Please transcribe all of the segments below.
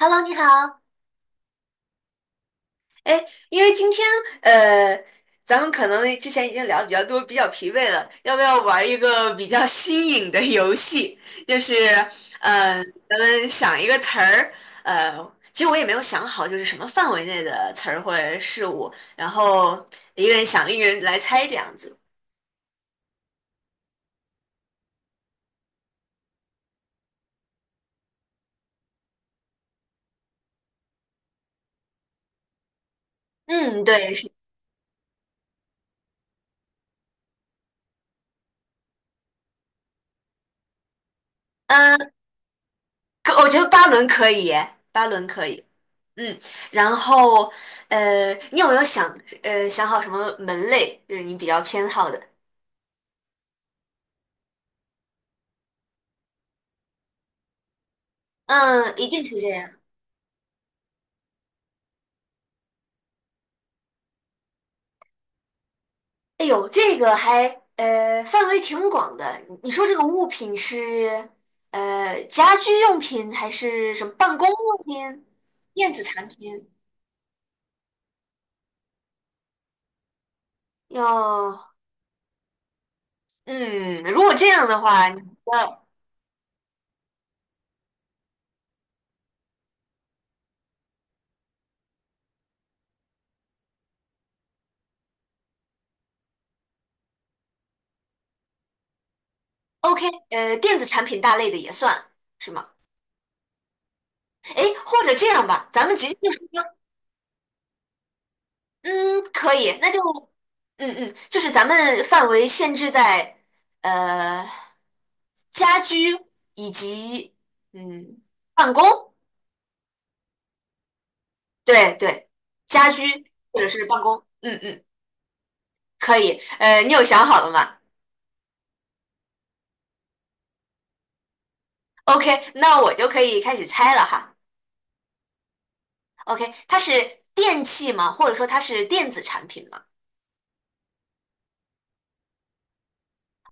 Hello，你好。哎，因为今天呃，咱们可能之前已经聊得比较多，比较疲惫了，要不要玩一个比较新颖的游戏？就是呃，咱们想一个词儿，呃，其实我也没有想好，就是什么范围内的词儿或者事物，然后一个人想，一个人来猜这样子。嗯，对，是，嗯、可我觉得八轮可以耶，八轮可以。嗯，然后你有没有想好什么门类，就是你比较偏好的？嗯，一定是这样。哎呦，这个还范围挺广的。你说这个物品是家居用品还是什么办公用品、电子产品？要嗯，如果这样的话，OK，电子产品大类的也算是吗？哎，或者这样吧，咱们直接就说。嗯，可以，那就，嗯嗯，就是咱们范围限制在呃家居以及嗯办公，对对，家居或者是办公，嗯嗯，可以，你有想好了吗？OK，那我就可以开始猜了哈。OK，它是电器吗？或者说它是电子产品吗？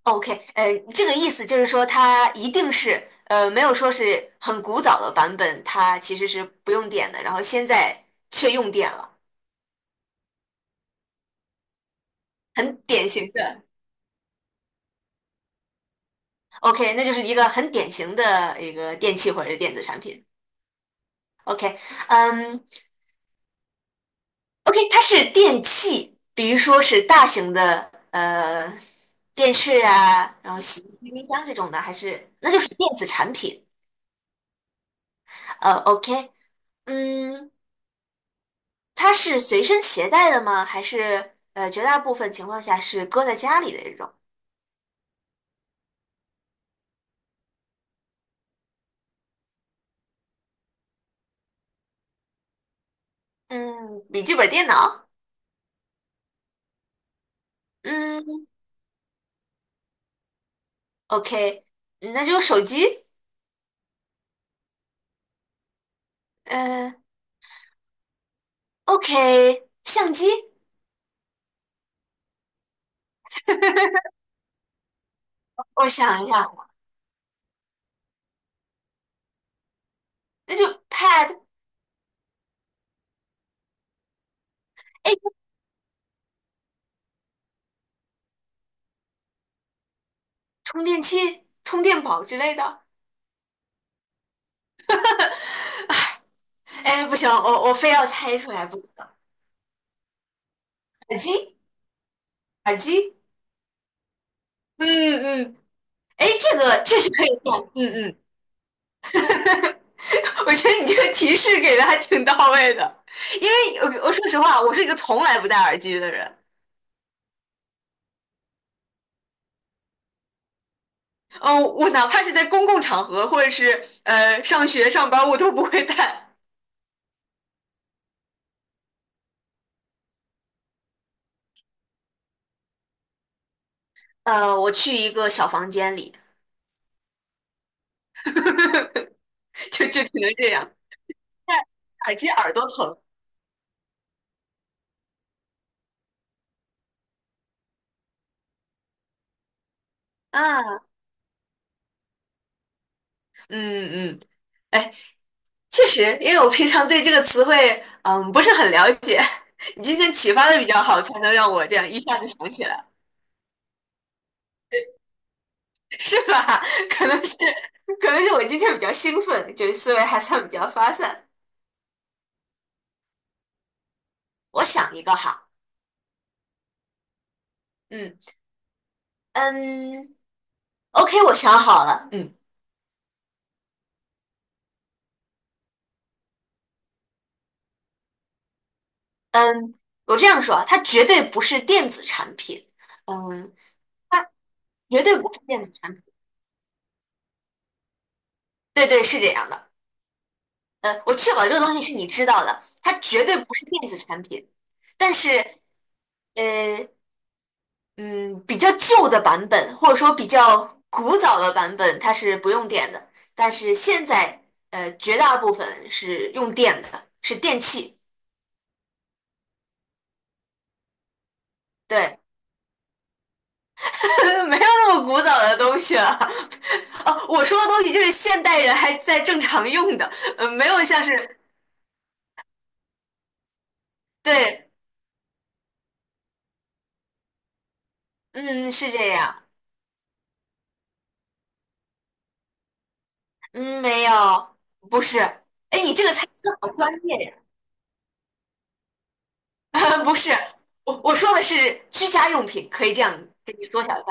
OK，这个意思就是说，它一定是没有说是很古早的版本，它其实是不用电的，然后现在却用电了，很典型的。OK，那就是一个很典型的一个电器或者是电子产品。OK，嗯，OK，它是电器，比如说是大型的电视啊，然后洗衣机、冰箱这种的，还是那就是电子产品。OK，嗯。它是随身携带的吗？还是绝大部分情况下是搁在家里的这种？嗯，笔记本电脑。嗯，OK，那就手机。嗯，OK，相机。我想一下，那就 Pad。哎，充电器、充电宝之类的。哎，不行，我非要猜出来不可。耳机，耳机。嗯嗯，哎，这个确实可以算。嗯嗯。我觉得你这个提示给的还挺到位的，因为我说实话，我是一个从来不戴耳机的人。嗯，我哪怕是在公共场合，或者是上学上班，我都不会戴。我去一个小房间里，就只能这样。戴耳机耳朵疼啊，嗯嗯，哎，确实，因为我平常对这个词汇不是很了解，你今天启发的比较好，才能让我这样一下子想起来。是吧？可能是，可能是我今天比较兴奋，就得思维还算比较发散。我想一个哈，嗯嗯，OK，我想好了，嗯，我这样说啊，它绝对不是电子产品，嗯，它绝对不是电子产品，对对，是这样的，我确保这个东西是你知道的，它绝对不是电子产品，但是呃，嗯，比较旧的版本，或者说比较古早的版本，它是不用电的。但是现在，绝大部分是用电的，是电器。对，没有那么古早的东西了。哦，我说的东西就是现代人还在正常用的，嗯，没有像是，对，嗯，是这样，嗯，没有，不是。哎，你这个猜测好专业呀。不是，我说的是居家用品，可以这样给你缩小。一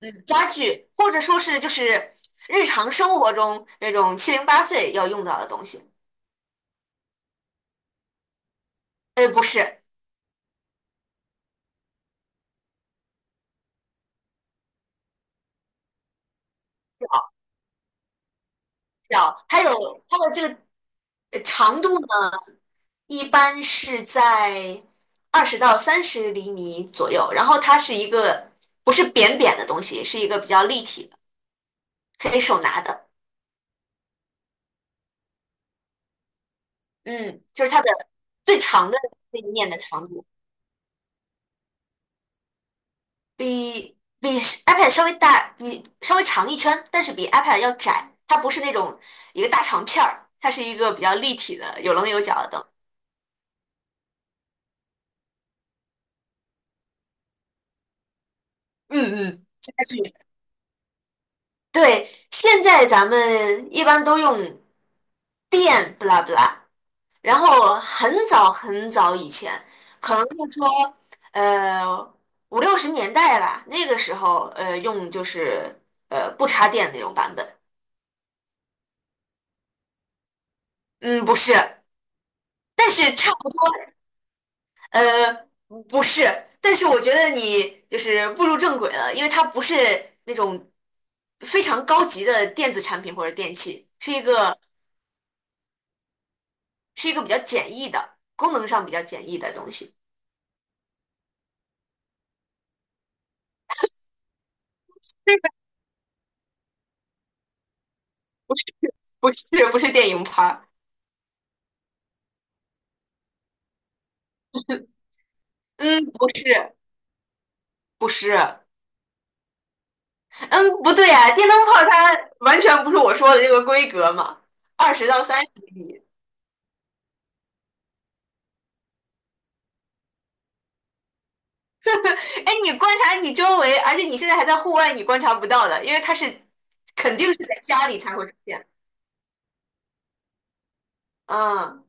嗯，家具，或者说是就是日常生活中那种七零八碎要用到的东西。不是，表表，它有它的这个长度呢，一般是在20到30厘米左右，然后它是一个不是扁扁的东西，是一个比较立体的，可以手拿的。嗯，就是它的最长的那一面的长度。比 iPad 稍微大，比稍微长一圈，但是比 iPad 要窄。它不是那种一个大长片儿，它是一个比较立体的、有棱有角的灯。嗯嗯，家具，对，现在咱们一般都用电，不拉不拉。然后很早很早以前，可能就说呃五六十年代吧，那个时候用就是不插电那种版本。嗯，不是，但是差不多。呃，不是，但是我觉得你就是步入正轨了，因为它不是那种非常高级的电子产品或者电器，是一个比较简易的，功能上比较简易的东西。这个不是不是不是电影拍儿，嗯，不是不是，嗯，不对啊，电灯泡它完全不是我说的这个规格嘛，20到30米。哎，你观察你周围，而且你现在还在户外，你观察不到的，因为肯定是在家里才会出现的。嗯，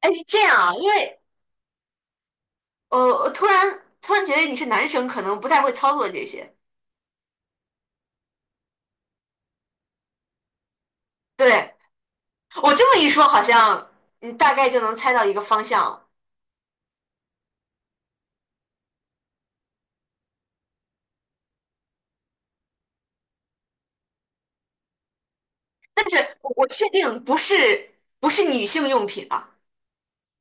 哎，是这样啊，因为我突然觉得你是男生，可能不太会操作这些。对，我这么一说，好像你大概就能猜到一个方向了。但是我确定不是女性用品啊，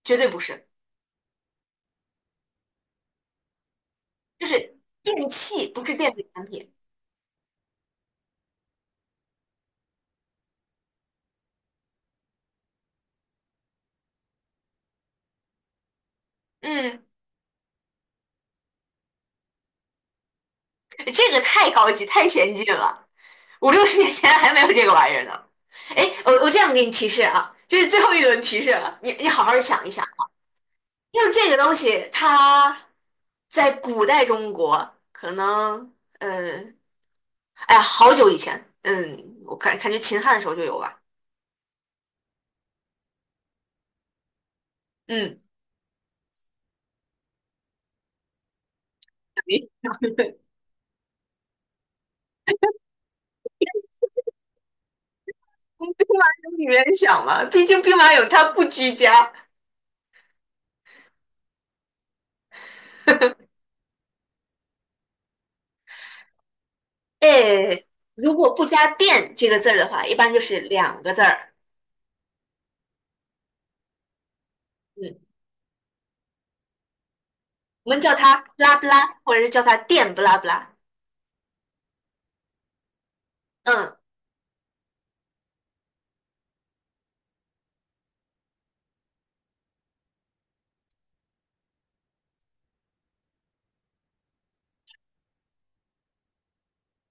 绝对不是，就是电器，不是电子产品。嗯，这个太高级，太先进了，五六十年前还没有这个玩意儿呢。哎，我这样给你提示啊，这是最后一轮提示了，你好好想一想。因为这个东西，它在古代中国可能，嗯，哎呀好久以前，嗯，我感觉秦汉的时候就有吧，嗯，从兵马俑里面想嘛，毕竟兵马俑它不居家，哎，如果不加“殿”这个字儿的话，一般就是2个字儿，嗯，我们叫它“不拉不拉”，或者是叫它“殿不拉不拉”，嗯，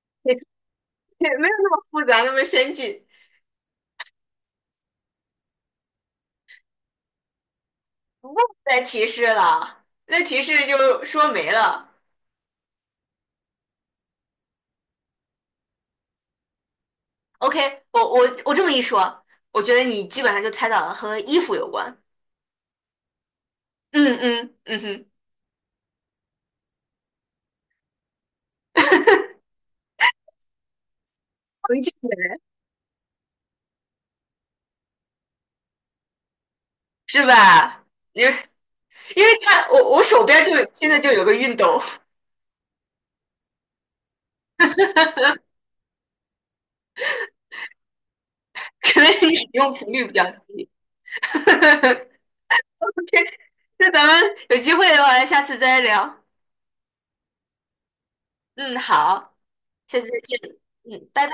也也没有那么复杂，那么先进，不再提示了，再提示就说没了。OK，我这么一说，我觉得你基本上就猜到了和衣服有关。嗯嗯嗯哼，文静的人是吧？因为因为看我手边现在就有个熨斗，可能你使用频率比较低。OK，那咱们有机会的话，下次再聊。嗯，好，下次再见。嗯，拜拜。